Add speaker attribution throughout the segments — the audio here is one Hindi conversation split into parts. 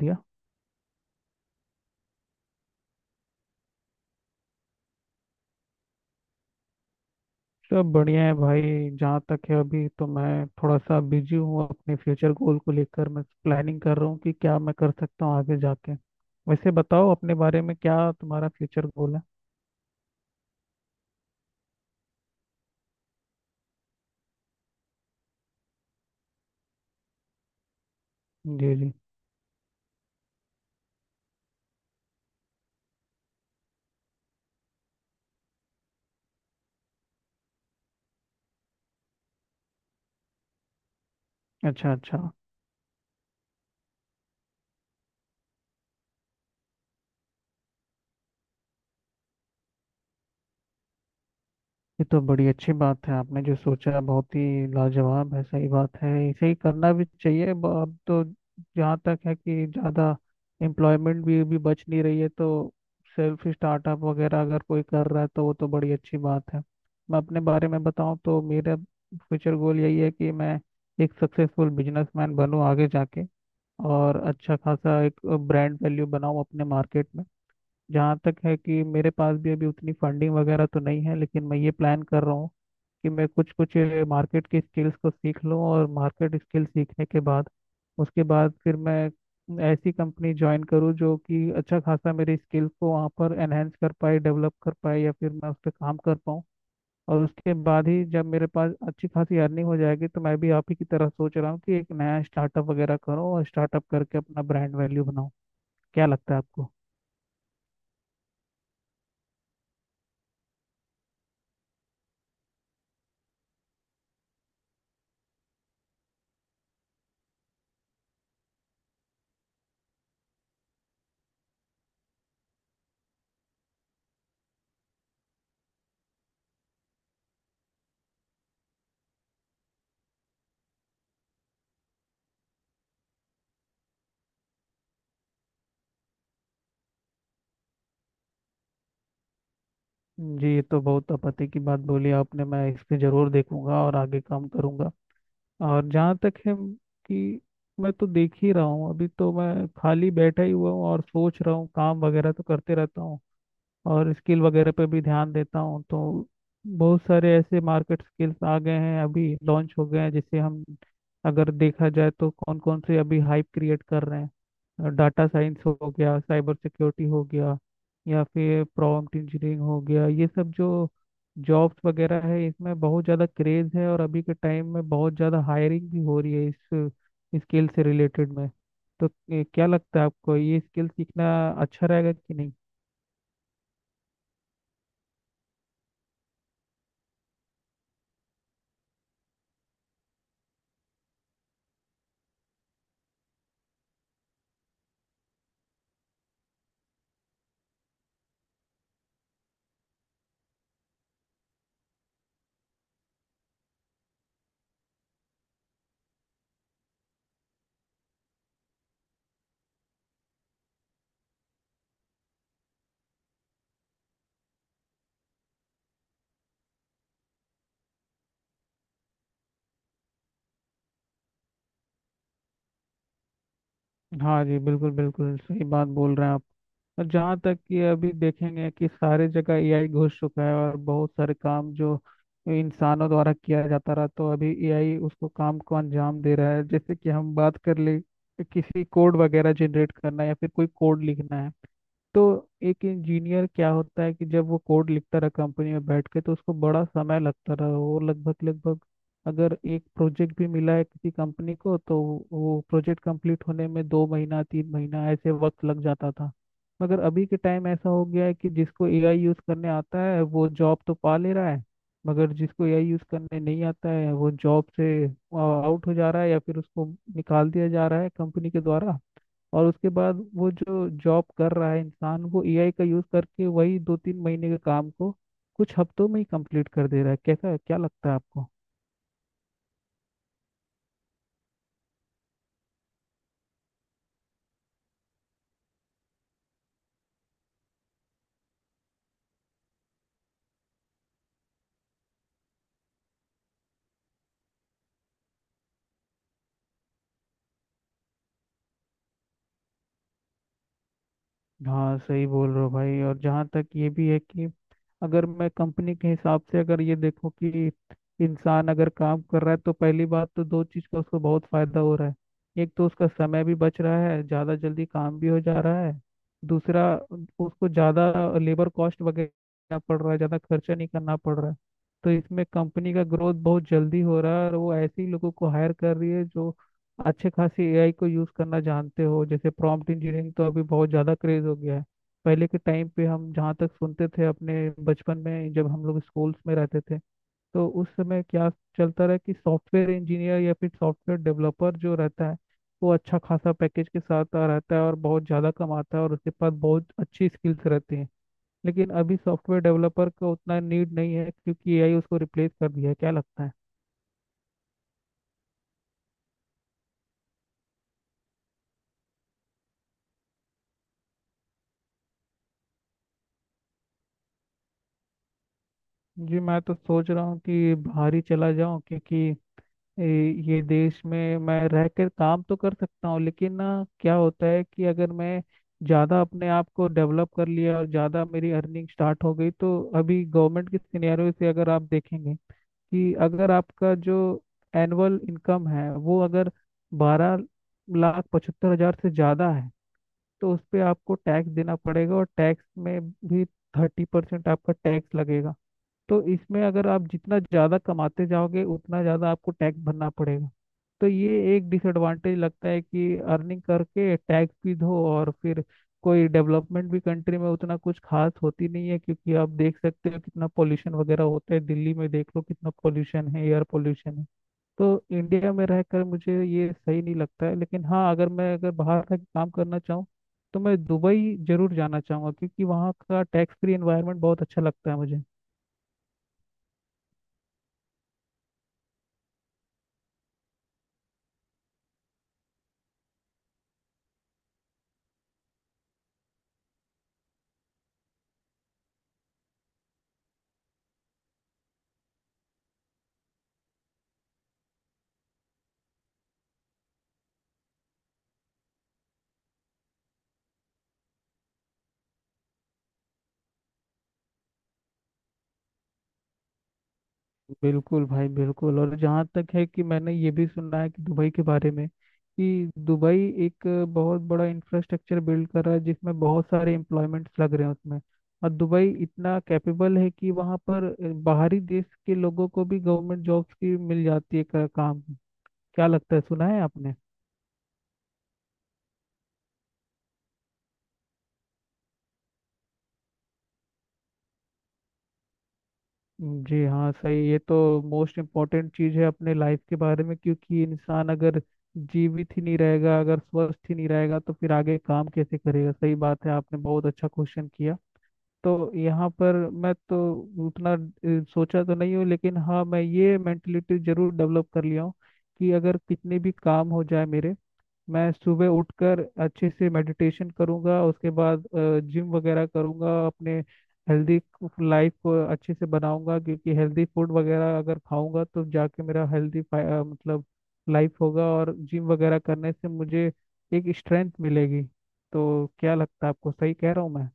Speaker 1: दिया। सब बढ़िया है भाई। जहाँ तक है अभी तो मैं थोड़ा सा बिजी हूँ, अपने फ्यूचर गोल को लेकर मैं प्लानिंग कर रहा हूँ कि क्या मैं कर सकता हूँ आगे जाके। वैसे बताओ अपने बारे में, क्या तुम्हारा फ्यूचर गोल है? जी जी। अच्छा अच्छा। ये तो बड़ी अच्छी बात है आपने जो सोचा, बहुत ही लाजवाब है, सही बात है, ऐसे ही करना भी चाहिए। अब तो जहाँ तक है कि ज़्यादा एम्प्लॉयमेंट भी बच नहीं रही है, तो सेल्फ स्टार्टअप वगैरह अगर कोई कर रहा है तो वो तो बड़ी अच्छी बात है। मैं अपने बारे में बताऊँ तो मेरा फ्यूचर गोल यही है कि मैं एक सक्सेसफुल बिजनेसमैन बनूँ आगे जाके, और अच्छा खासा एक ब्रांड वैल्यू बनाऊँ अपने मार्केट में। जहाँ तक है कि मेरे पास भी अभी उतनी फंडिंग वगैरह तो नहीं है, लेकिन मैं ये प्लान कर रहा हूँ कि मैं कुछ कुछ मार्केट की स्किल्स को सीख लूँ, और मार्केट स्किल सीखने के बाद उसके बाद फिर मैं ऐसी कंपनी ज्वाइन करूँ जो कि अच्छा खासा मेरी स्किल्स को वहाँ पर एनहेंस कर पाए, डेवलप कर पाए, या फिर मैं उस पर काम कर पाऊँ। और उसके बाद ही जब मेरे पास अच्छी खासी अर्निंग हो जाएगी तो मैं भी आप ही की तरह सोच रहा हूँ कि एक नया स्टार्टअप वगैरह करूँ और स्टार्टअप करके अपना ब्रांड वैल्यू बनाऊँ। क्या लगता है आपको? जी, ये तो बहुत आपत्ति की बात बोली आपने, मैं इस पे जरूर देखूंगा और आगे काम करूंगा। और जहाँ तक है कि मैं तो देख ही रहा हूँ, अभी तो मैं खाली बैठा ही हुआ हूँ और सोच रहा हूँ, काम वगैरह तो करते रहता हूँ और स्किल वगैरह पे भी ध्यान देता हूँ। तो बहुत सारे ऐसे मार्केट स्किल्स आ गए हैं, अभी लॉन्च हो गए हैं जिसे हम, अगर देखा जाए तो कौन कौन से अभी हाइप क्रिएट कर रहे हैं, डाटा साइंस हो गया, साइबर सिक्योरिटी हो गया, या फिर प्रॉम्प्ट इंजीनियरिंग हो गया। ये सब जो जॉब्स वगैरह है इसमें बहुत ज़्यादा क्रेज़ है, और अभी के टाइम में बहुत ज़्यादा हायरिंग भी हो रही है इस स्किल से रिलेटेड में। तो क्या लगता है आपको, ये स्किल सीखना अच्छा रहेगा कि नहीं? हाँ जी, बिल्कुल बिल्कुल सही बात बोल रहे हैं आप। और जहाँ तक कि अभी देखेंगे कि सारे जगह एआई घुस चुका है, और बहुत सारे काम जो इंसानों द्वारा किया जाता रहा, तो अभी एआई उसको काम को अंजाम दे रहा है। जैसे कि हम बात कर ले, किसी कोड वगैरह जनरेट करना या फिर कोई कोड लिखना है, तो एक इंजीनियर क्या होता है कि जब वो कोड लिखता रहा कंपनी में बैठ के तो उसको बड़ा समय लगता रहा। वो लगभग लगभग, अगर एक प्रोजेक्ट भी मिला है किसी कंपनी को, तो वो प्रोजेक्ट कंप्लीट होने में 2 महीना 3 महीना ऐसे वक्त लग जाता था। मगर अभी के टाइम ऐसा हो गया है कि जिसको एआई यूज़ करने आता है वो जॉब तो पा ले रहा है, मगर जिसको एआई यूज़ करने नहीं आता है वो जॉब से आउट हो जा रहा है, या फिर उसको निकाल दिया जा रहा है कंपनी के द्वारा। और उसके बाद वो जो जॉब कर रहा है इंसान, वो एआई का यूज करके वही 2 3 महीने के काम को कुछ हफ्तों में ही कंप्लीट कर दे रहा है। कैसा, क्या लगता है आपको? हाँ सही बोल रहे हो भाई। और जहाँ तक ये भी है कि अगर मैं कंपनी के हिसाब से अगर ये देखो कि इंसान अगर काम कर रहा है तो पहली बात तो दो चीज़ का उसको बहुत फायदा हो रहा है, एक तो उसका समय भी बच रहा है, ज़्यादा जल्दी काम भी हो जा रहा है। दूसरा, उसको ज़्यादा लेबर कॉस्ट वगैरह पड़ रहा है, ज़्यादा खर्चा नहीं करना पड़ रहा है। तो इसमें कंपनी का ग्रोथ बहुत जल्दी हो रहा है, और वो ऐसे ही लोगों को हायर कर रही है जो अच्छे खासी एआई को यूज़ करना जानते हो। जैसे प्रॉम्प्ट इंजीनियरिंग तो अभी बहुत ज़्यादा क्रेज हो गया है। पहले के टाइम पे हम जहाँ तक सुनते थे अपने बचपन में, जब हम लोग स्कूल्स में रहते थे, तो उस समय क्या चलता रहा कि सॉफ्टवेयर इंजीनियर या फिर सॉफ्टवेयर डेवलपर जो रहता है वो अच्छा खासा पैकेज के साथ आ रहता है और बहुत ज़्यादा कमाता है और उसके पास बहुत अच्छी स्किल्स रहती हैं। लेकिन अभी सॉफ्टवेयर डेवलपर का उतना नीड नहीं है, क्योंकि एआई उसको रिप्लेस कर दिया है। क्या लगता है? जी, मैं तो सोच रहा हूँ कि बाहर ही चला जाऊँ, क्योंकि ये देश में मैं रह कर काम तो कर सकता हूँ लेकिन, ना, क्या होता है कि अगर मैं ज़्यादा अपने आप को डेवलप कर लिया और ज़्यादा मेरी अर्निंग स्टार्ट हो गई, तो अभी गवर्नमेंट के सिनेरियो से अगर आप देखेंगे कि अगर आपका जो एनुअल इनकम है वो अगर 12,75,000 से ज़्यादा है, तो उस पे आपको टैक्स देना पड़ेगा, और टैक्स में भी 30% आपका टैक्स लगेगा। तो इसमें अगर आप जितना ज़्यादा कमाते जाओगे उतना ज़्यादा आपको टैक्स भरना पड़ेगा। तो ये एक डिसएडवांटेज लगता है कि अर्निंग करके टैक्स भी दो और फिर कोई डेवलपमेंट भी कंट्री में उतना कुछ खास होती नहीं है, क्योंकि आप देख सकते हो कितना पोल्यूशन वगैरह होता है, दिल्ली में देख लो कितना पोल्यूशन है, एयर पोल्यूशन है। तो इंडिया में रहकर मुझे ये सही नहीं लगता है। लेकिन हाँ, अगर मैं अगर बाहर का काम करना चाहूँ तो मैं दुबई जरूर जाना चाहूँगा, क्योंकि वहाँ का टैक्स फ्री एनवायरनमेंट बहुत अच्छा लगता है मुझे। बिल्कुल भाई, बिल्कुल। और जहाँ तक है कि मैंने ये भी सुना है कि दुबई के बारे में, कि दुबई एक बहुत बड़ा इंफ्रास्ट्रक्चर बिल्ड कर रहा है, जिसमें बहुत सारे एम्प्लॉयमेंट्स लग रहे हैं उसमें। और दुबई इतना कैपेबल है कि वहाँ पर बाहरी देश के लोगों को भी गवर्नमेंट जॉब्स की मिल जाती है काम। क्या लगता है, सुना है आपने? जी हाँ सही, ये तो मोस्ट इम्पोर्टेंट चीज़ है अपने लाइफ के बारे में, क्योंकि इंसान अगर जीवित ही नहीं रहेगा, अगर स्वस्थ ही नहीं रहेगा तो फिर आगे काम कैसे करेगा। सही बात है, आपने बहुत अच्छा क्वेश्चन किया। तो यहाँ पर मैं तो उतना सोचा तो नहीं हूँ, लेकिन हाँ मैं ये मेंटलिटी जरूर डेवलप कर लिया हूँ कि अगर कितने भी काम हो जाए मेरे, मैं सुबह उठकर अच्छे से मेडिटेशन करूंगा, उसके बाद जिम वगैरह करूंगा, अपने हेल्दी लाइफ को अच्छे से बनाऊंगा। क्योंकि हेल्दी फूड वगैरह अगर खाऊंगा तो जाके मेरा हेल्दी, मतलब, लाइफ होगा, और जिम वगैरह करने से मुझे एक स्ट्रेंथ मिलेगी। तो क्या लगता है आपको, सही कह रहा हूँ मैं?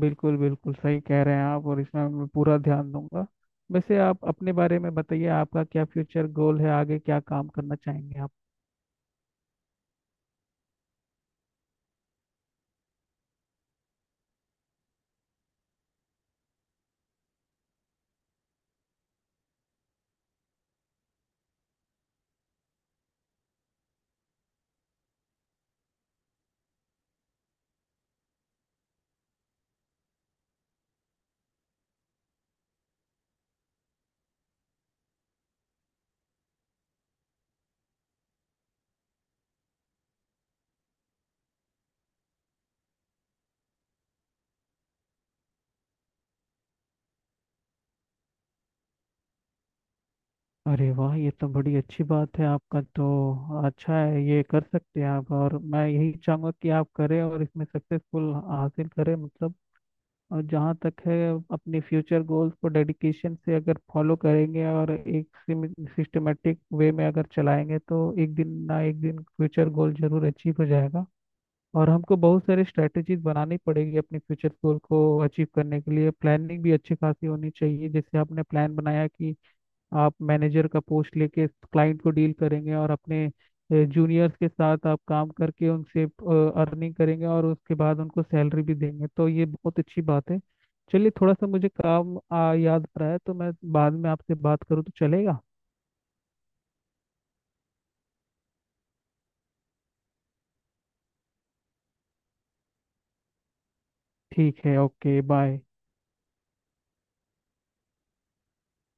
Speaker 1: बिल्कुल बिल्कुल सही कह रहे हैं आप, और इसमें मैं पूरा ध्यान दूंगा। वैसे आप अपने बारे में बताइए, आपका क्या फ्यूचर गोल है, आगे क्या काम करना चाहेंगे आप? अरे वाह, ये तो बड़ी अच्छी बात है, आपका तो अच्छा है, ये कर सकते हैं आप, और मैं यही चाहूंगा कि आप करें और इसमें सक्सेसफुल हासिल करें, मतलब। और जहाँ तक है, अपने फ्यूचर गोल्स को डेडिकेशन से अगर फॉलो करेंगे, और एक सिस्टमेटिक वे में अगर चलाएंगे, तो एक दिन ना एक दिन फ्यूचर गोल जरूर अचीव हो जाएगा। और हमको बहुत सारे स्ट्रेटेजीज बनानी पड़ेगी अपने फ्यूचर गोल को अचीव करने के लिए, प्लानिंग भी अच्छी खासी होनी चाहिए। जैसे आपने प्लान बनाया कि आप मैनेजर का पोस्ट लेके क्लाइंट को डील करेंगे, और अपने जूनियर्स के साथ आप काम करके उनसे अर्निंग करेंगे, और उसके बाद उनको सैलरी भी देंगे, तो ये बहुत अच्छी बात है। चलिए, थोड़ा सा मुझे काम याद आ रहा है तो मैं बाद में आपसे बात करूँ तो चलेगा? ठीक है, ओके, बाय।